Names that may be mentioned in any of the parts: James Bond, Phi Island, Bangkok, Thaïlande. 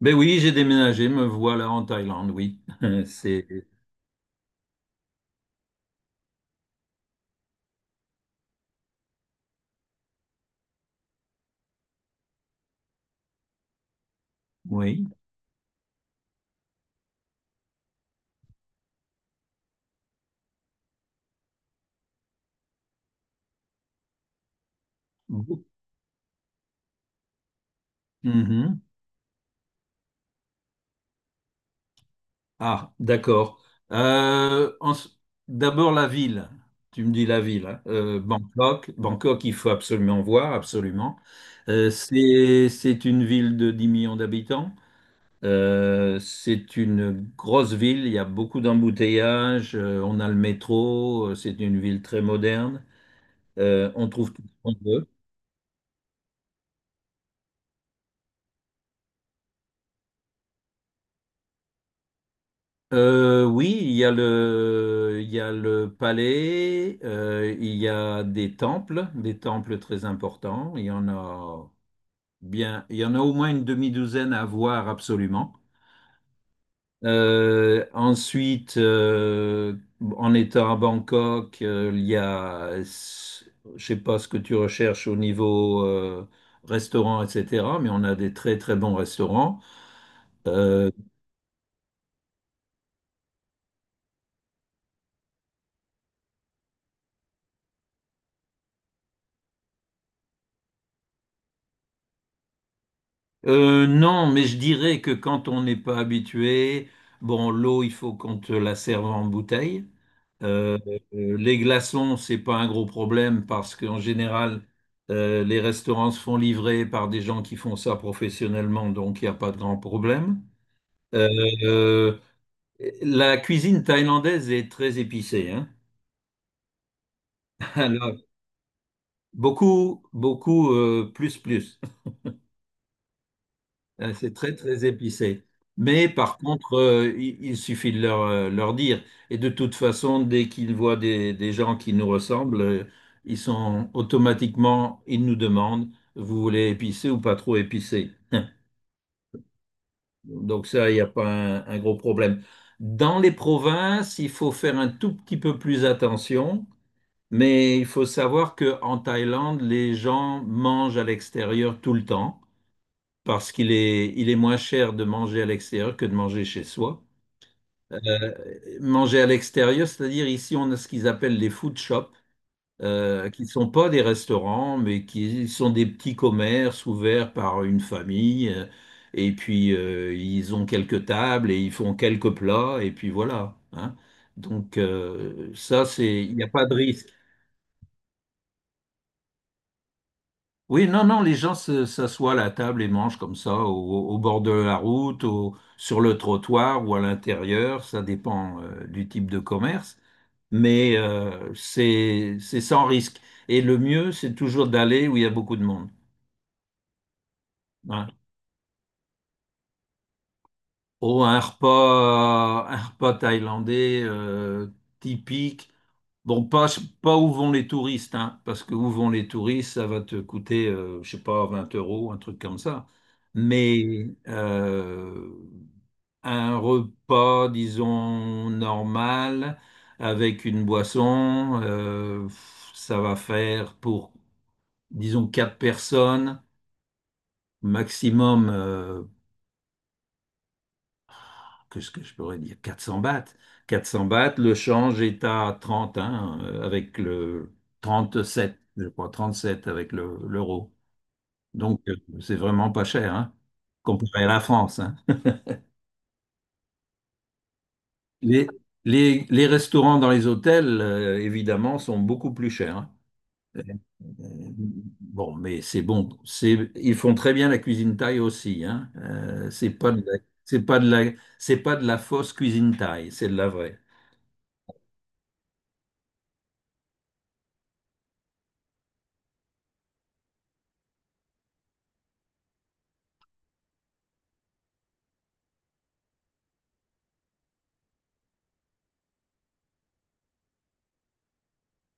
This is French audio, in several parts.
Ben oui, j'ai déménagé, me voilà en Thaïlande, oui. C'est oui. Mhm. Ah, d'accord. Euh, en s- D'abord la ville. Tu me dis la ville, hein. Bangkok. Bangkok, il faut absolument voir, absolument. C'est une ville de 10 millions d'habitants. C'est une grosse ville. Il y a beaucoup d'embouteillages. On a le métro. C'est une ville très moderne. On trouve tout ce qu'on veut. Oui, il y a le palais, il y a des temples très importants. Il y en a bien, il y en a au moins une demi-douzaine à voir absolument. Ensuite, en étant à Bangkok, il y a, je sais pas ce que tu recherches au niveau restaurant, etc. Mais on a des très très bons restaurants. Euh, non, mais je dirais que quand on n'est pas habitué, bon, l'eau, il faut qu'on te la serve en bouteille. Euh, les glaçons, c'est pas un gros problème parce qu'en général, les restaurants se font livrer par des gens qui font ça professionnellement, donc il n'y a pas de grand problème. Euh, euh, la cuisine thaïlandaise est très épicée, hein. Alors, beaucoup, beaucoup, plus, plus. C'est très, très épicé. Mais par contre, il suffit de leur, leur dire. Et de toute façon, dès qu'ils voient des gens qui nous ressemblent, ils sont automatiquement, ils nous demandent, vous voulez épicé ou pas trop épicé? Donc ça, il n'y a pas un gros problème. Dans les provinces, il faut faire un tout petit peu plus attention, mais il faut savoir qu'en Thaïlande, les gens mangent à l'extérieur tout le temps parce qu'il est moins cher de manger à l'extérieur que de manger chez soi. Manger à l'extérieur, c'est-à-dire ici, on a ce qu'ils appellent les food shops, qui ne sont pas des restaurants, mais qui sont des petits commerces ouverts par une famille. Et puis, ils ont quelques tables et ils font quelques plats, et puis voilà, hein. Donc, ça, c'est, il n'y a pas de risque. Oui, non, non, les gens s'assoient à la table et mangent comme ça, au, au bord de la route, sur le trottoir ou à l'intérieur, ça dépend du type de commerce, mais c'est sans risque. Et le mieux, c'est toujours d'aller où il y a beaucoup de monde. Ouais. Oh, un repas thaïlandais typique. Bon, pas où vont les touristes, hein, parce que où vont les touristes, ça va te coûter, je sais pas, 20 euros, un truc comme ça. Mais euh, un repas, disons, normal, avec une boisson, ça va faire pour, disons, quatre personnes, maximum qu'est-ce que je pourrais dire, 400 bahts. 400 bahts, le change est à 30, hein, avec le 37, je crois, 37 avec l'euro. Donc, c'est vraiment pas cher, hein, comparé à la France, hein. Les, les restaurants dans les hôtels, évidemment, sont beaucoup plus chers, hein. Euh, Bon, mais c'est bon. Ils font très bien la cuisine thaï aussi, hein. C'est pas de la, c'est pas de la, c'est pas de la fausse cuisine thaï, c'est de la vraie.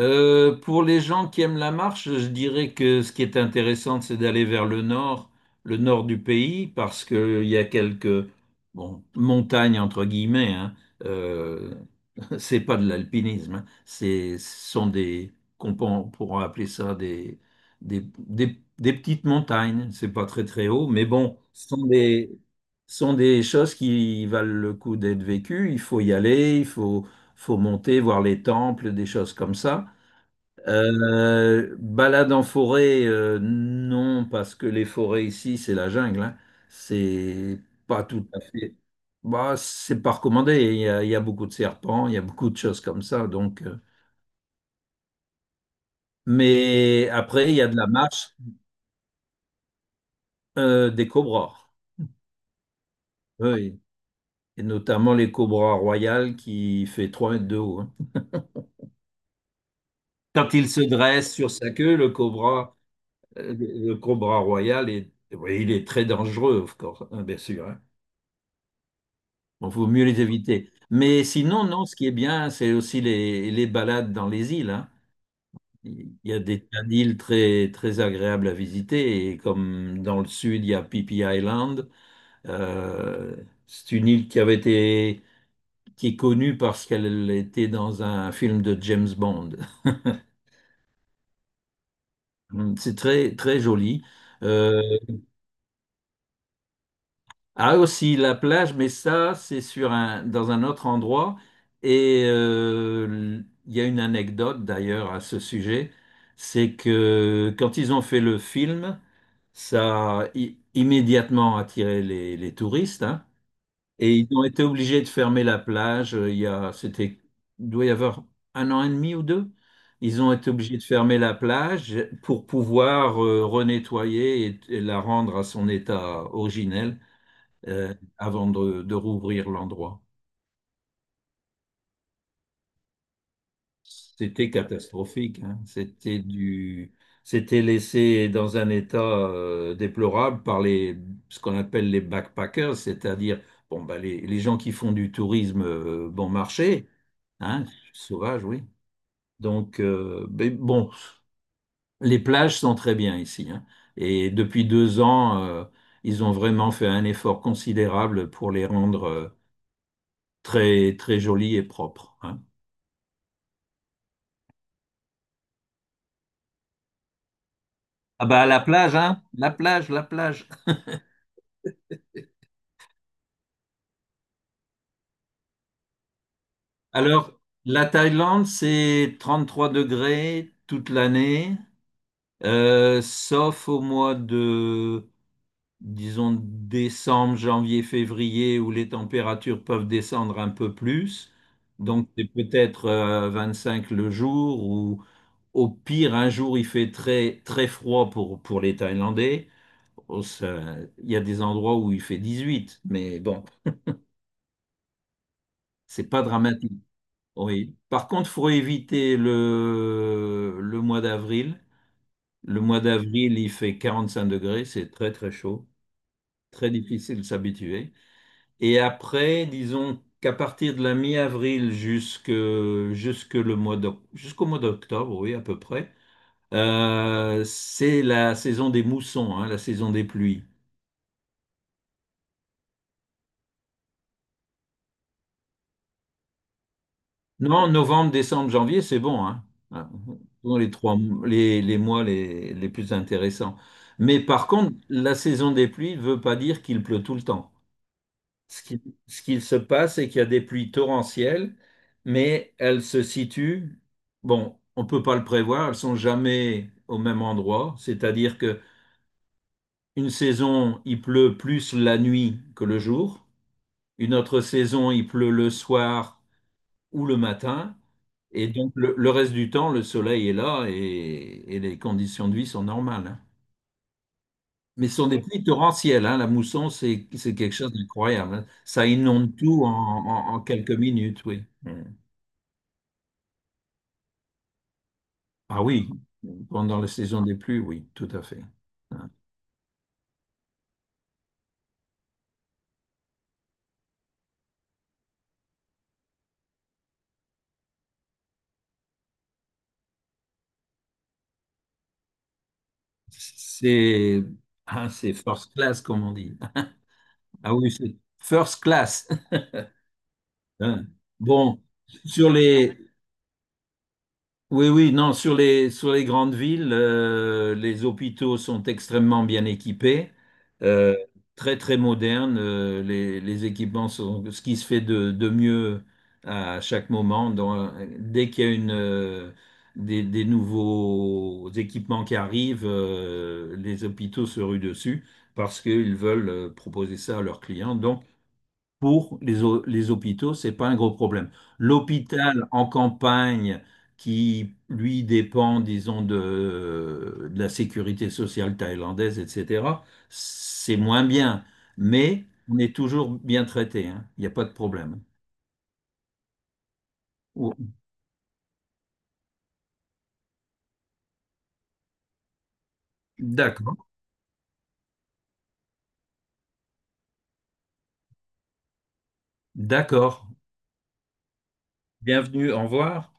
Pour les gens qui aiment la marche, je dirais que ce qui est intéressant, c'est d'aller vers le nord du pays, parce qu'il y a quelques bon, montagnes, entre guillemets, hein. Euh, c'est pas de l'alpinisme, hein. C'est, ce sont des, qu'on peut- on pourra appeler ça des petites montagnes. C'est pas très très haut, mais bon, ce sont des choses qui valent le coup d'être vécues. Il faut y aller, faut monter, voir les temples, des choses comme ça. Balade en forêt, non, parce que les forêts ici, c'est la jungle, hein. C'est pas tout à fait. Bah, c'est pas recommandé. Il y a beaucoup de serpents, il y a beaucoup de choses comme ça. Donc. Mais après, il y a de la marche, des cobras. Oui. Et notamment les cobras royales qui fait 3 mètres de haut, hein. Quand il se dresse sur sa queue, le cobra royal est, oui, il est très dangereux, of course, hein, bien sûr, hein. Bon, faut mieux les éviter. Mais sinon, non, ce qui est bien, c'est aussi les balades dans les îles, hein. Il y a des tas d'îles très, très agréables à visiter. Et comme dans le sud, il y a Phi Island. Euh, c'est une île qui est connue parce qu'elle était dans un film de James Bond. C'est très, très joli. Euh, Ah aussi la plage, mais ça c'est sur un dans un autre endroit et il y a une anecdote d'ailleurs à ce sujet, c'est que quand ils ont fait le film, ça a immédiatement attiré les touristes, hein, et ils ont été obligés de fermer la plage. Il doit y avoir 1 an et demi ou deux. Ils ont été obligés de fermer la plage pour pouvoir renettoyer et la rendre à son état originel avant de rouvrir l'endroit. C'était catastrophique, hein. C'était laissé dans un état déplorable par ce qu'on appelle les backpackers, c'est-à-dire bon, bah, les gens qui font du tourisme bon marché, hein, sauvage, oui. Donc, mais bon, les plages sont très bien ici, hein. Et depuis 2 ans, ils ont vraiment fait un effort considérable pour les rendre très, très jolies et propres, hein. Ah bah la plage, hein? La plage, la plage. Alors, la Thaïlande, c'est 33 degrés toute l'année, sauf au mois de, disons, décembre, janvier, février, où les températures peuvent descendre un peu plus. Donc, c'est peut-être cinq le jour, ou au pire, un jour, il fait très, très froid pour les Thaïlandais. Oh, il y a des endroits où il fait 18, mais bon, c'est pas dramatique. Oui. Par contre, faut éviter le mois d'avril. Le mois d'avril, il fait 45 degrés, c'est très très chaud, très difficile de s'habituer. Et après, disons qu'à partir de la mi-avril jusque, jusque le mois d'oc- jusqu'au mois d'octobre, oui, à peu près, c'est la saison des moussons, hein, la saison des pluies. Non, novembre, décembre, janvier, c'est bon, hein. Ah, dans les trois, les mois les plus intéressants. Mais par contre, la saison des pluies ne veut pas dire qu'il pleut tout le temps. Ce qui, Ce qu'il se passe, c'est qu'il y a des pluies torrentielles, mais elles se situent, bon, on ne peut pas le prévoir, elles sont jamais au même endroit. C'est-à-dire que une saison, il pleut plus la nuit que le jour. Une autre saison, il pleut le soir ou le matin. Et donc, le reste du temps, le soleil est là et les conditions de vie sont normales, hein. Mais ce sont des, ouais, pluies torrentielles, hein. La mousson, c'est quelque chose d'incroyable, hein. Ça inonde tout en quelques minutes, oui. Mm. Ah oui, pendant la saison des pluies, oui, tout à fait. Hein. C'est c'est first class, comme on dit. Ah oui, c'est first class. Hein. Bon, sur les, oui, oui, non, sur les grandes villes, les hôpitaux sont extrêmement bien équipés, euh, très, très modernes. Les équipements sont ce qui se fait de mieux à chaque moment. Dès qu'il y a des nouveaux équipements qui arrivent, les hôpitaux se ruent dessus parce qu'ils veulent proposer ça à leurs clients. Donc, pour les hôpitaux, c'est pas un gros problème. L'hôpital en campagne qui, lui, dépend, disons, de la sécurité sociale thaïlandaise, etc., c'est moins bien, mais on est toujours bien traité, hein. Il n'y a pas de problème. Oh, d'accord, d'accord. Bienvenue, au revoir.